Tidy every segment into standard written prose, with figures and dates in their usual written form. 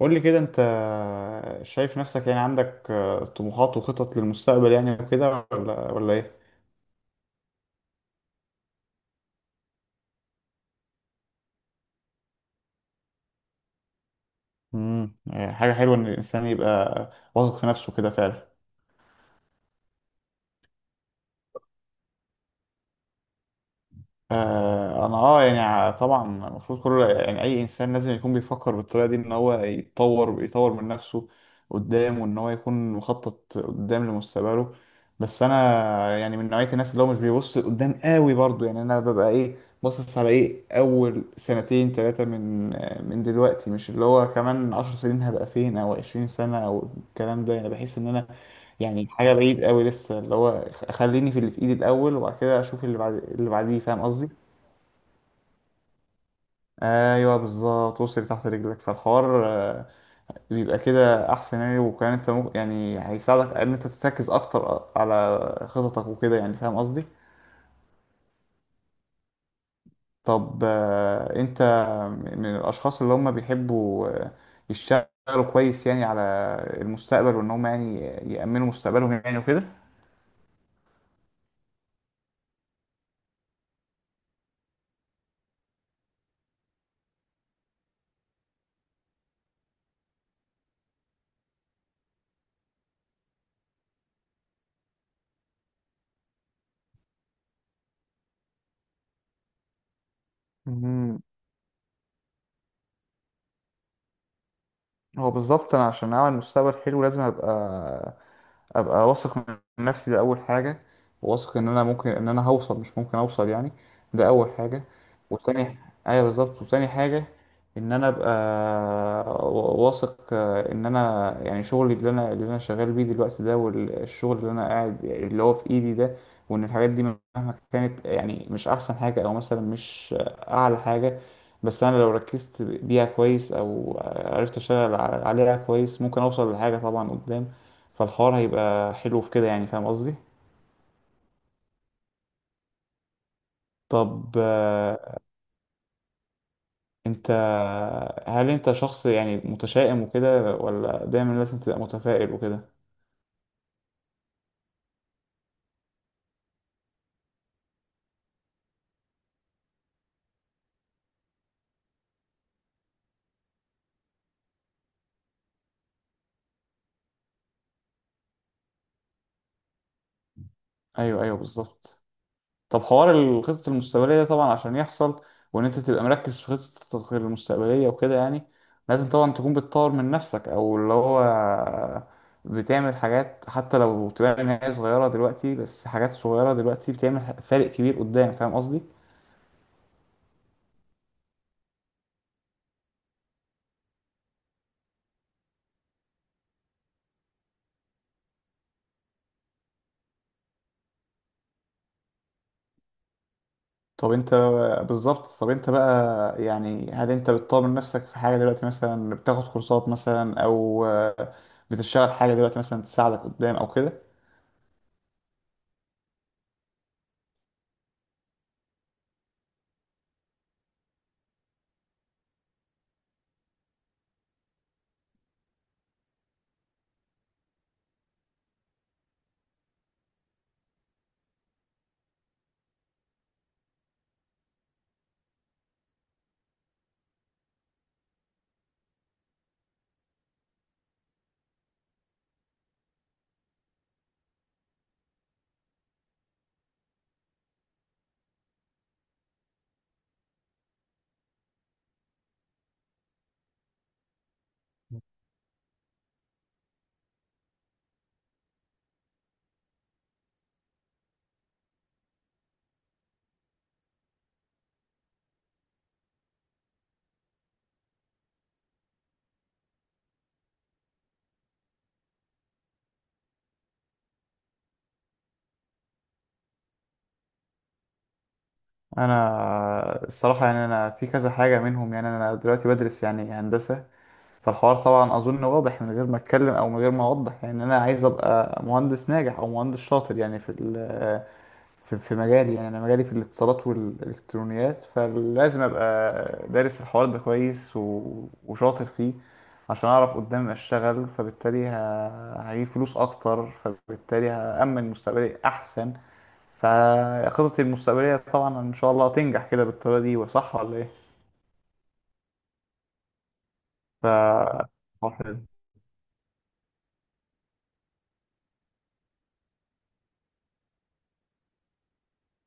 قول لي كده انت شايف نفسك يعني عندك طموحات وخطط للمستقبل يعني وكده ولا ايه؟ امم حاجة حلوة ان الانسان يبقى واثق في نفسه كده فعلا. انا يعني طبعا المفروض كل يعني اي انسان لازم يكون بيفكر بالطريقه دي ان هو يتطور ويطور من نفسه قدام، وان هو يكون مخطط قدام لمستقبله. بس انا يعني من نوعيه الناس اللي هو مش بيبص قدام قوي برضو، يعني انا ببقى ايه باصص على ايه اول سنتين ثلاثه من دلوقتي، مش اللي هو كمان عشر سنين هبقى فين او عشرين سنه او الكلام ده، يعني بحس ان انا يعني حاجه بعيد قوي لسه اللي هو خليني في اللي في ايدي الاول وبعد كده اشوف اللي بعد اللي بعديه، فاهم قصدي. ايوه بالظبط، وصل تحت رجلك. فالحوار بيبقى كده احسن يعني، وكمان انت ممكن يعني هيساعدك ان انت تركز اكتر على خططك وكده يعني، فاهم قصدي. طب انت من الاشخاص اللي هم بيحبوا يشتغلوا كويس يعني على المستقبل، وان هم يعني يأمنوا مستقبلهم يعني وكده. هو بالظبط انا عشان اعمل مستقبل حلو لازم ابقى واثق من نفسي، ده اول حاجه. واثق ان انا ممكن ان انا هوصل، مش ممكن اوصل يعني، ده اول حاجه. والتاني، ايوه بالظبط، وتاني حاجه ان انا ابقى واثق ان انا يعني شغلي اللي انا شغال بيه دلوقتي ده، والشغل اللي انا قاعد اللي هو في ايدي ده، وان الحاجات دي مهما كانت يعني مش احسن حاجه او مثلا مش اعلى حاجه، بس انا لو ركزت بيها كويس او عرفت اشتغل عليها كويس ممكن اوصل لحاجه طبعا قدام، فالحوار هيبقى حلو في كده يعني فاهم قصدي. طب انت هل انت شخص يعني متشائم وكده، ولا دايما لازم تبقى متفائل وكده؟ ايوه، ايوه، بالظبط. طب حوار الخطط المستقبلية ده طبعا عشان يحصل وإن أنت تبقى مركز في خططك المستقبلية وكده يعني، لازم طبعا تكون بتطور من نفسك، أو اللي هو بتعمل حاجات حتى لو تبان إن هي صغيرة دلوقتي، بس حاجات صغيرة دلوقتي بتعمل فارق كبير قدام، فاهم قصدي؟ طب أنت بالظبط. طب أنت بقى، يعني هل أنت بتطور من نفسك في حاجة دلوقتي، مثلا بتاخد كورسات مثلا، أو بتشتغل حاجة دلوقتي مثلا تساعدك قدام أو كده؟ انا الصراحه يعني انا في كذا حاجه منهم، يعني انا دلوقتي بدرس يعني هندسه، فالحوار طبعا اظن واضح من غير ما اتكلم او من غير ما اوضح، يعني انا عايز ابقى مهندس ناجح او مهندس شاطر يعني في في مجالي، يعني انا مجالي في الاتصالات والالكترونيات، فلازم ابقى دارس الحوار ده كويس وشاطر فيه عشان اعرف قدام اشتغل، فبالتالي هجيب فلوس اكتر، فبالتالي هامن مستقبلي احسن. فخططي المستقبلية طبعا إن شاء الله تنجح كده بالطريقة دي، وصح ولا إيه؟ ف آه، حلو.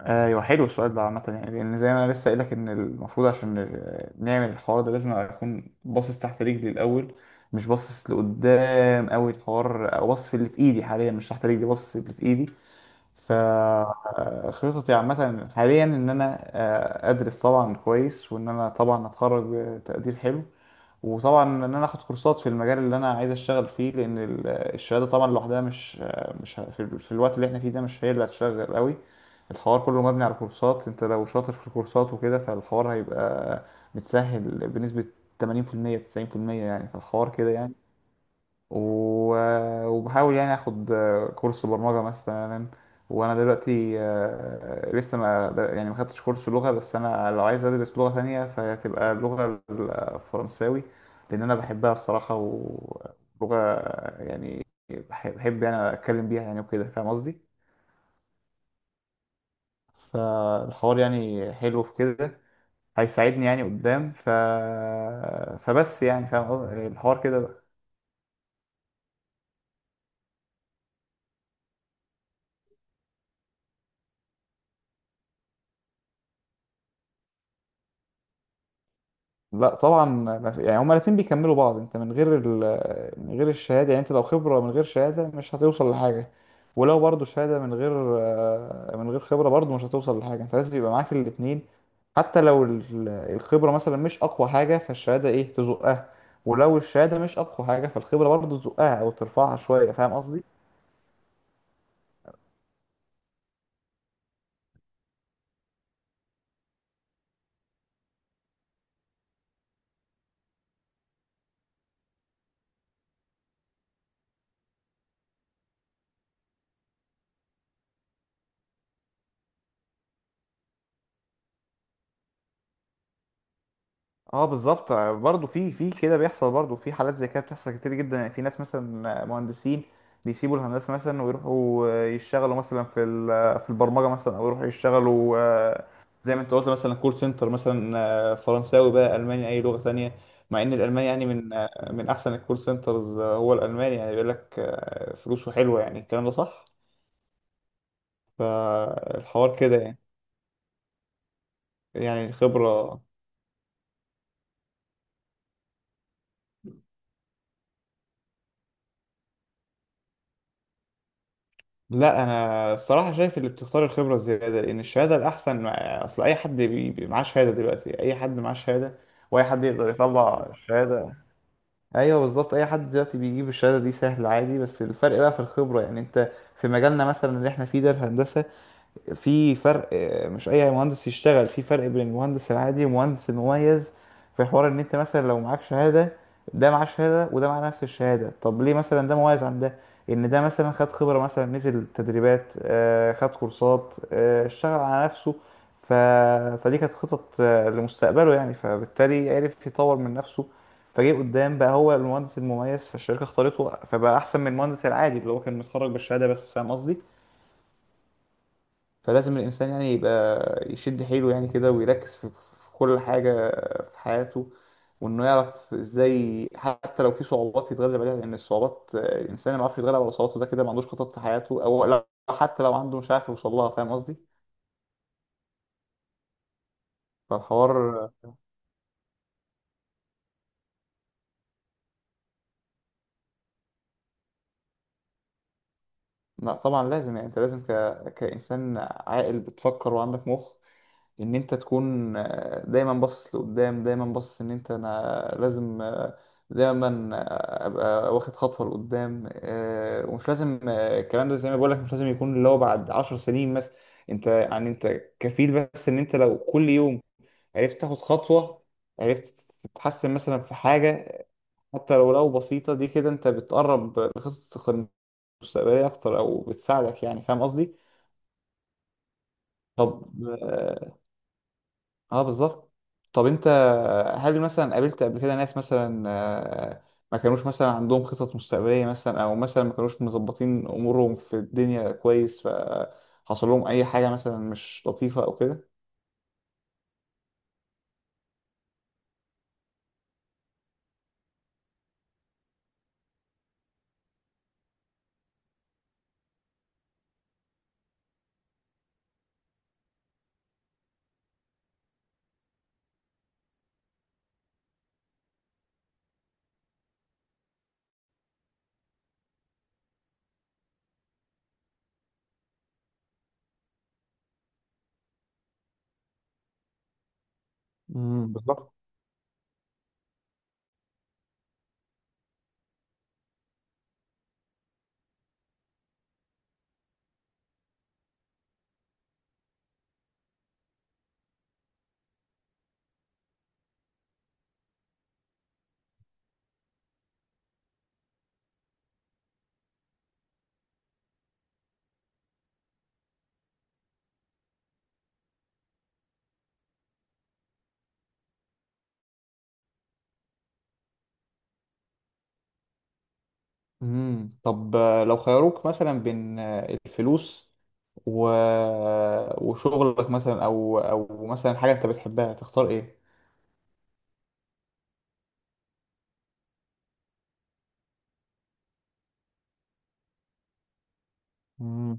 أيوه، حلو السؤال ده عامة يعني، لأن زي ما أنا لسه قايلك إن المفروض عشان نعمل الحوار ده لازم أكون باصص تحت رجلي الأول، مش باصص لقدام أوي الحوار، أو باصص في اللي في إيدي حاليا، مش تحت رجلي، باصص في اللي في إيدي. فخططي عامة حاليا إن أنا أدرس طبعا كويس، وإن أنا طبعا أتخرج بتقدير حلو، وطبعا ان انا اخد كورسات في المجال اللي انا عايز اشتغل فيه، لان الشهاده طبعا لوحدها مش في الوقت اللي احنا فيه ده مش هي اللي هتشغل قوي. الحوار كله مبني على كورسات، انت لو شاطر في الكورسات وكده فالحوار هيبقى متسهل بنسبه 80% 90% يعني. فالحوار كده يعني، وبحاول يعني اخد كورس برمجة مثلا، وانا دلوقتي لسه ما يعني ما خدتش كورس لغة، بس انا لو عايز ادرس لغة تانية فهتبقى اللغة الفرنساوي، لان انا بحبها الصراحة، ولغة يعني بحب بحب يعني اتكلم بيها يعني وكده فاهم قصدي. فالحوار يعني حلو في كده، هيساعدني يعني قدام، فبس يعني فاهم قصدي؟ الحوار كده. لا طبعا، ما في- يعني هما الاتنين بيكملوا بعض. انت من غير من غير الشهاده، يعني انت لو خبره من غير شهاده مش هتوصل لحاجه، ولو برضو شهاده من غير خبره برضو مش هتوصل لحاجه. انت لازم يبقى معاك الاتنين، حتى لو الخبره مثلا مش اقوى حاجه فالشهاده ايه تزقها، ولو الشهاده مش اقوى حاجه فالخبره برضو تزقها او ترفعها شويه، فاهم قصدي. اه بالظبط، برضه في كده بيحصل، برضه في حالات زي كده بتحصل كتير جدا يعني. في ناس مثلا مهندسين بيسيبوا الهندسه مثلا ويروحوا يشتغلوا مثلا في البرمجه مثلا، او يروحوا يشتغلوا زي ما انت قلت مثلا كول سنتر مثلا، فرنساوي بقى الماني اي لغه تانية. مع ان الالماني يعني من احسن الكول سنترز، هو الالماني يعني بيقول لك فلوسه حلوه يعني، الكلام ده صح. فالحوار كده يعني الخبره. لا انا الصراحه شايف اللي بتختار الخبره الزياده، لان الشهاده الاحسن اصل اي حد معاه شهاده دلوقتي، اي حد معاه شهاده واي حد يقدر يطلع شهاده. ايوه بالظبط، اي حد دلوقتي بيجيب الشهاده دي سهل عادي، بس الفرق بقى في الخبره، يعني انت في مجالنا مثلا اللي احنا فيه ده الهندسه، في فرق مش اي مهندس يشتغل. في فرق بين المهندس العادي والمهندس المميز، في حوار ان انت مثلا لو معاك شهادة، ده معاه شهادة وده معاه نفس الشهادة، طب ليه مثلا ده مميز عن ده؟ ان ده مثلا خد خبرة، مثلا نزل تدريبات، خد كورسات، اشتغل على نفسه، ف... فدي كانت خطط لمستقبله يعني، فبالتالي عرف يطور من نفسه، فجه قدام بقى هو المهندس المميز، فالشركة اختارته فبقى احسن من المهندس العادي اللي هو كان متخرج بالشهادة بس، فاهم قصدي. فلازم الإنسان يعني يبقى يشد حيله يعني كده، ويركز في كل حاجة في حياته، وإنه يعرف إزاي حتى لو في صعوبات يتغلب عليها، لأن الصعوبات الإنسان ما بيعرفش يتغلب على صعوباته ده كده ما عندوش خطط في حياته، أو لو حتى لو عنده مش عارف يوصل لها، فاهم قصدي؟ فالحوار لا طبعا لازم، يعني أنت لازم كإنسان عاقل بتفكر وعندك مخ ان انت تكون دايما باصص لقدام، دايما باصص ان انت انا لازم دايما ابقى واخد خطوه لقدام، ومش لازم الكلام ده زي ما بقول لك مش لازم يكون اللي هو بعد عشر سنين مثلا. انت يعني انت كفيل، بس ان انت لو كل يوم عرفت تاخد خطوه، عرفت تتحسن مثلا في حاجه حتى لو بسيطه دي كده، انت بتقرب لخطتك المستقبليه اكتر او بتساعدك يعني فاهم قصدي. طب آه، اه بالظبط. طب انت، هل مثلا قابلت قبل كده ناس مثلا ما كانوش مثلا عندهم خطط مستقبلية مثلا، او مثلا ما كانوش مظبطين امورهم في الدنيا كويس فحصل لهم اي حاجة مثلا مش لطيفة او كده؟ بالظبط. طب لو خيروك مثلا بين الفلوس و... وشغلك مثلا، او مثلا حاجة انت بتحبها، تختار ايه؟ امم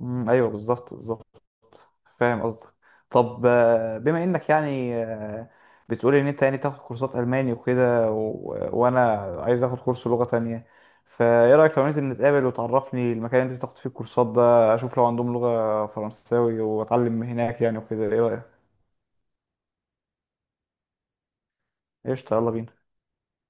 أمم، ايوه بالظبط، بالظبط، فاهم قصدك. طب بما انك يعني بتقول ان انت يعني تاخد كورسات الماني وكده، وانا عايز اخد كورس لغة تانية، فايه رايك لو ننزل نتقابل وتعرفني المكان اللي انت بتاخد فيه الكورسات ده، اشوف لو عندهم لغة فرنساوي واتعلم هناك يعني وكده، ايه رايك؟ قشطة، يلا بينا.